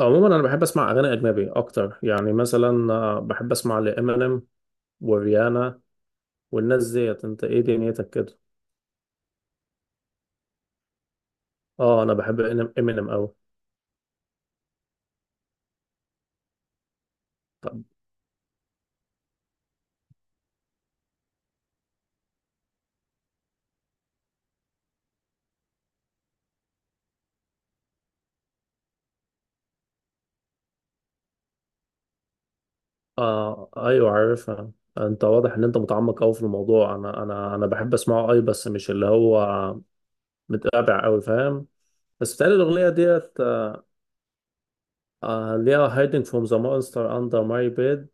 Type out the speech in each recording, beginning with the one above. عموما انا بحب اسمع اغاني اجنبي اكتر، يعني مثلا بحب اسمع لامينيم وريانا والناس ديت. انت ايه دنيتك كده؟ اه، انا بحب امينيم قوي. طب. آه، ايوه، عارفها. انت واضح ان انت متعمق قوي في الموضوع. انا بحب اسمعه اي، بس مش اللي هو متابع قوي، فاهم؟ بس بتهيألي الاغنيه ديت آه ليها hiding from the monster under my bed,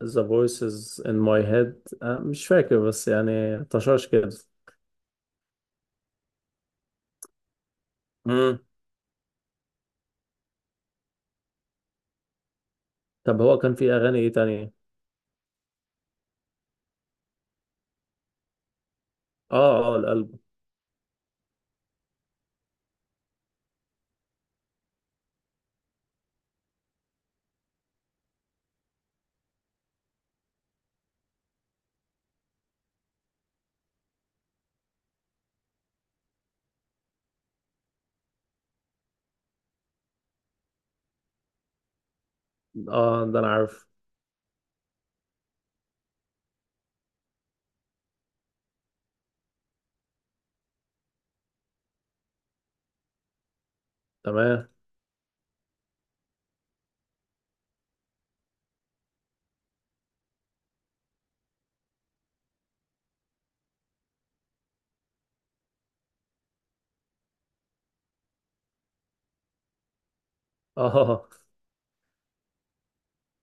the voices in my head. آه، مش فاكر، بس يعني طشاش كده. طب، هو كان في اغاني ايه تانية؟ اه، اه، القلب. اه، ده انا عارف. تمام. اه.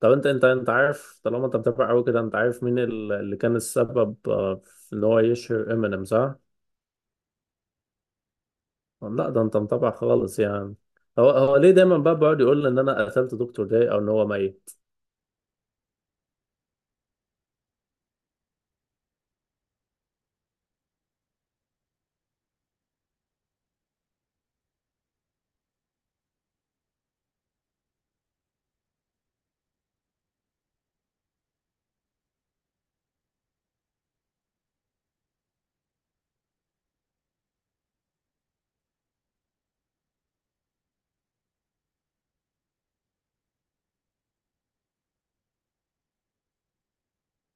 طب، انت عارف، طالما انت بتتابع قوي كده، انت عارف مين اللي كان السبب في ان هو يشهر امينيم، صح؟ لا، ده انت متابع خالص يعني. هو ليه دايما بقى بيقعد يقول ان انا قتلت دكتور داي او ان هو ميت؟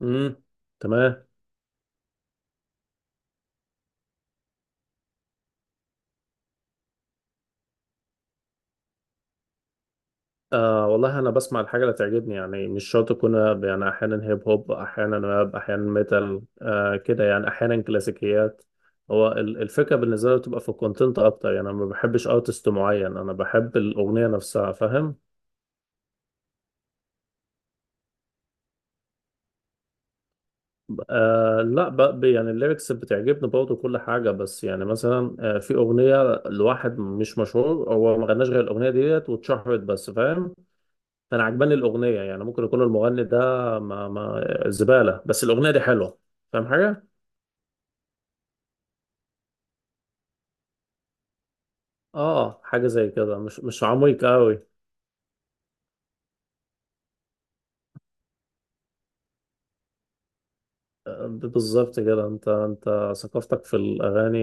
امم. تمام. آه والله، أنا بسمع الحاجة اللي تعجبني، يعني مش شرط أكون راب. يعني أحيانا هيب هوب، أحيانا راب، أحيانا ميتال كده، يعني أحيانا كلاسيكيات. هو الفكرة بالنسبة لي بتبقى في الكونتنت أكتر، يعني أنا ما بحبش أرتست معين، أنا بحب الأغنية نفسها، فاهم؟ آه لا، يعني الليركس بتعجبني برضه كل حاجة. بس يعني مثلا في أغنية لواحد مش مشهور، هو ما غناش غير الأغنية ديت واتشهرت بس، فاهم؟ انا عجباني الاغنيه، يعني ممكن يكون المغني ده ما زباله بس الاغنيه دي حلوه. فاهم حاجه؟ اه، حاجه زي كده، مش عميق قوي. بالظبط كده. انت ثقافتك في الاغاني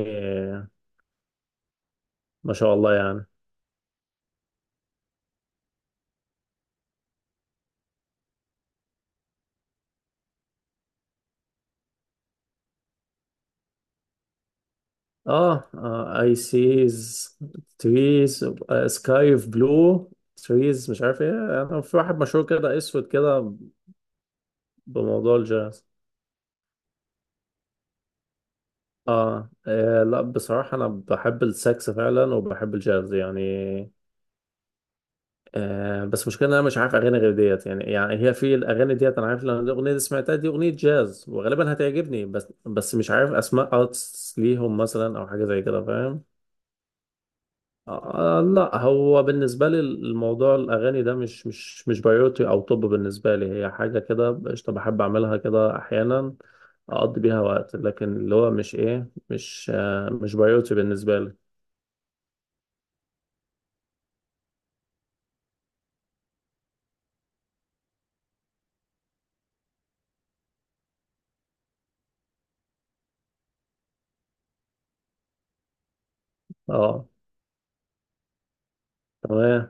ما شاء الله يعني. اه، اي سيز تريز سكاي اوف بلو تريز، مش عارف ايه. انا في واحد مشهور كده، اسود كده. بموضوع الجاز. آه. اه لا، بصراحة انا بحب السكس فعلا، وبحب الجاز يعني. آه، بس مشكلة إن أنا مش عارف أغاني غير ديت. يعني هي في الأغاني ديت أنا عارف، لأن الأغنية دي سمعتها، دي أغنية جاز وغالبا هتعجبني، بس مش عارف أسماء أرتس ليهم مثلا أو حاجة زي كده، فاهم؟ آه آه، لا. هو بالنسبة لي الموضوع الأغاني ده مش بايوتي. أو طب بالنسبة لي هي حاجة كده قشطة، بحب أعملها كده أحيانا، أقضي بيها وقت، لكن اللي هو مش إيه مش آه مش بايوتي بالنسبة لي. أه. تمام.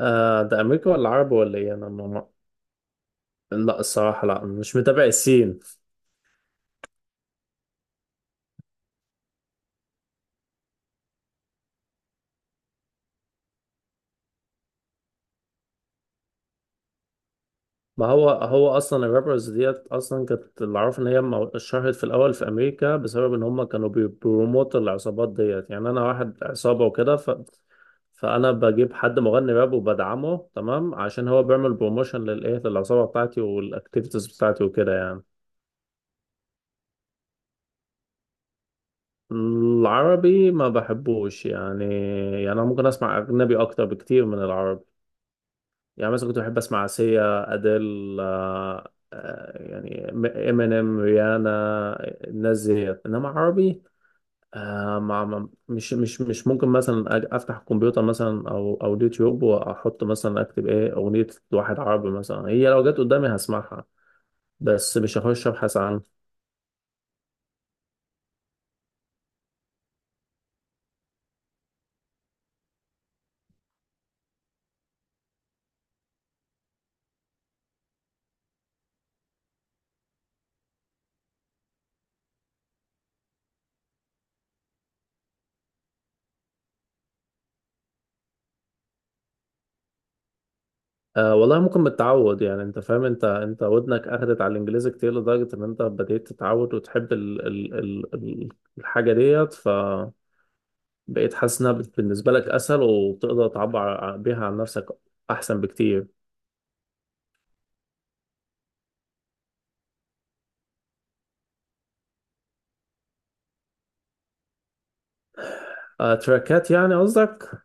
آه، ده أمريكا ولا عربي ولا إيه أنا؟ لا الصراحة، لا، مش متابع السين. ما هو اصلا الرابرز ديت اصلا كانت، اللي اعرف ان هي اتشهرت في الاول في امريكا، بسبب ان هم كانوا بيبروموت العصابات ديت. يعني انا واحد عصابة وكده فانا بجيب حد مغني راب وبدعمه تمام، عشان هو بيعمل بروموشن للعصابة بتاعتي والاكتيفيتيز بتاعتي وكده يعني. العربي ما بحبوش يعني. يعني انا ممكن اسمع اجنبي اكتر بكتير من العربي. يعني مثلا كنت بحب اسمع سيا، اديل، يعني امينيم، ريانا، الناس ديت. انما عربي، آه، مش ممكن مثلا افتح الكمبيوتر مثلا او اليوتيوب، واحط مثلا اكتب ايه اغنيه واحد عربي مثلا. هي لو جت قدامي هسمعها، بس مش هخش ابحث عنها. آه والله، ممكن متعود، يعني انت فاهم، انت ودنك اخدت على الانجليزي كتير لدرجه ان انت بديت تتعود وتحب الحاجه ديت، ف بقيت حاسس انها بالنسبه لك اسهل، وبتقدر تعبر بيها عن نفسك احسن بكتير. آه، تراكات يعني قصدك؟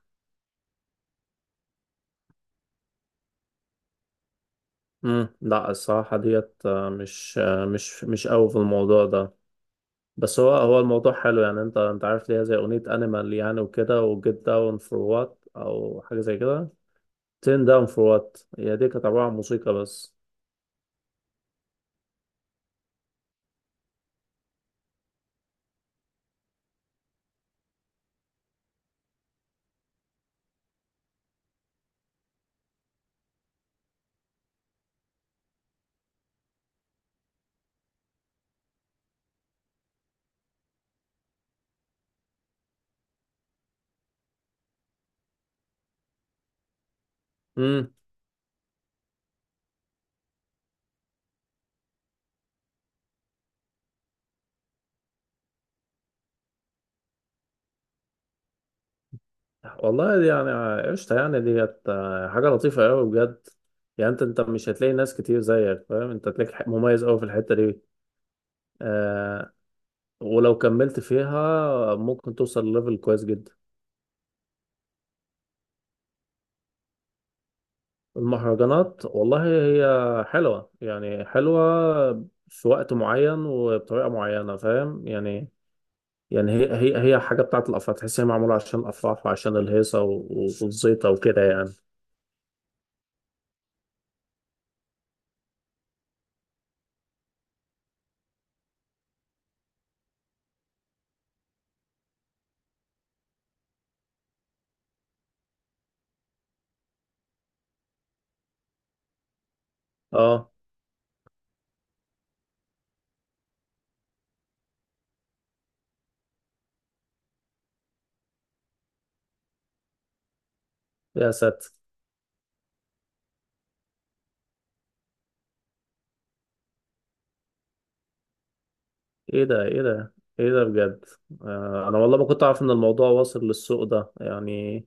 امم، لا الصراحه ديت مش مش قوي في الموضوع ده. بس هو الموضوع حلو يعني، انت عارف ليها زي اغنيه انيمال يعني وكده، وجيت داون فور وات او حاجه زي كده. تين داون فور وات هي دي كانت عباره عن موسيقى بس. امم. والله دي يعني قشطه يعني ديت، حاجه لطيفه قوي بجد. يعني انت مش هتلاقي ناس كتير زيك، فاهم؟ انت هتلاقيك مميز قوي في الحته دي. آه. ولو كملت فيها ممكن توصل لليفل كويس جدا. المهرجانات والله هي حلوة، يعني حلوة في وقت معين وبطريقة معينة، فاهم يعني؟ يعني هي حاجة بتاعت الأفراح، تحس هي معمولة عشان الأفراح وعشان الهيصة والزيطة وكده يعني. اه. يا ساتر. ايه ده؟ ايه ده؟ ايه ده بجد؟ آه، انا والله ما كنت اعرف ان الموضوع واصل للسوق ده يعني.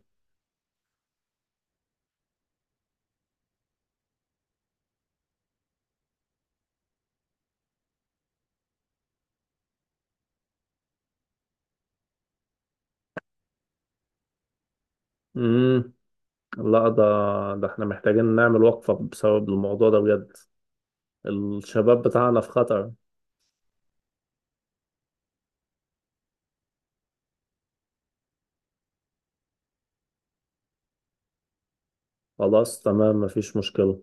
امم. لا، ده احنا محتاجين نعمل وقفة بسبب الموضوع ده بجد. الشباب بتاعنا في خطر. خلاص، تمام، مفيش مشكلة.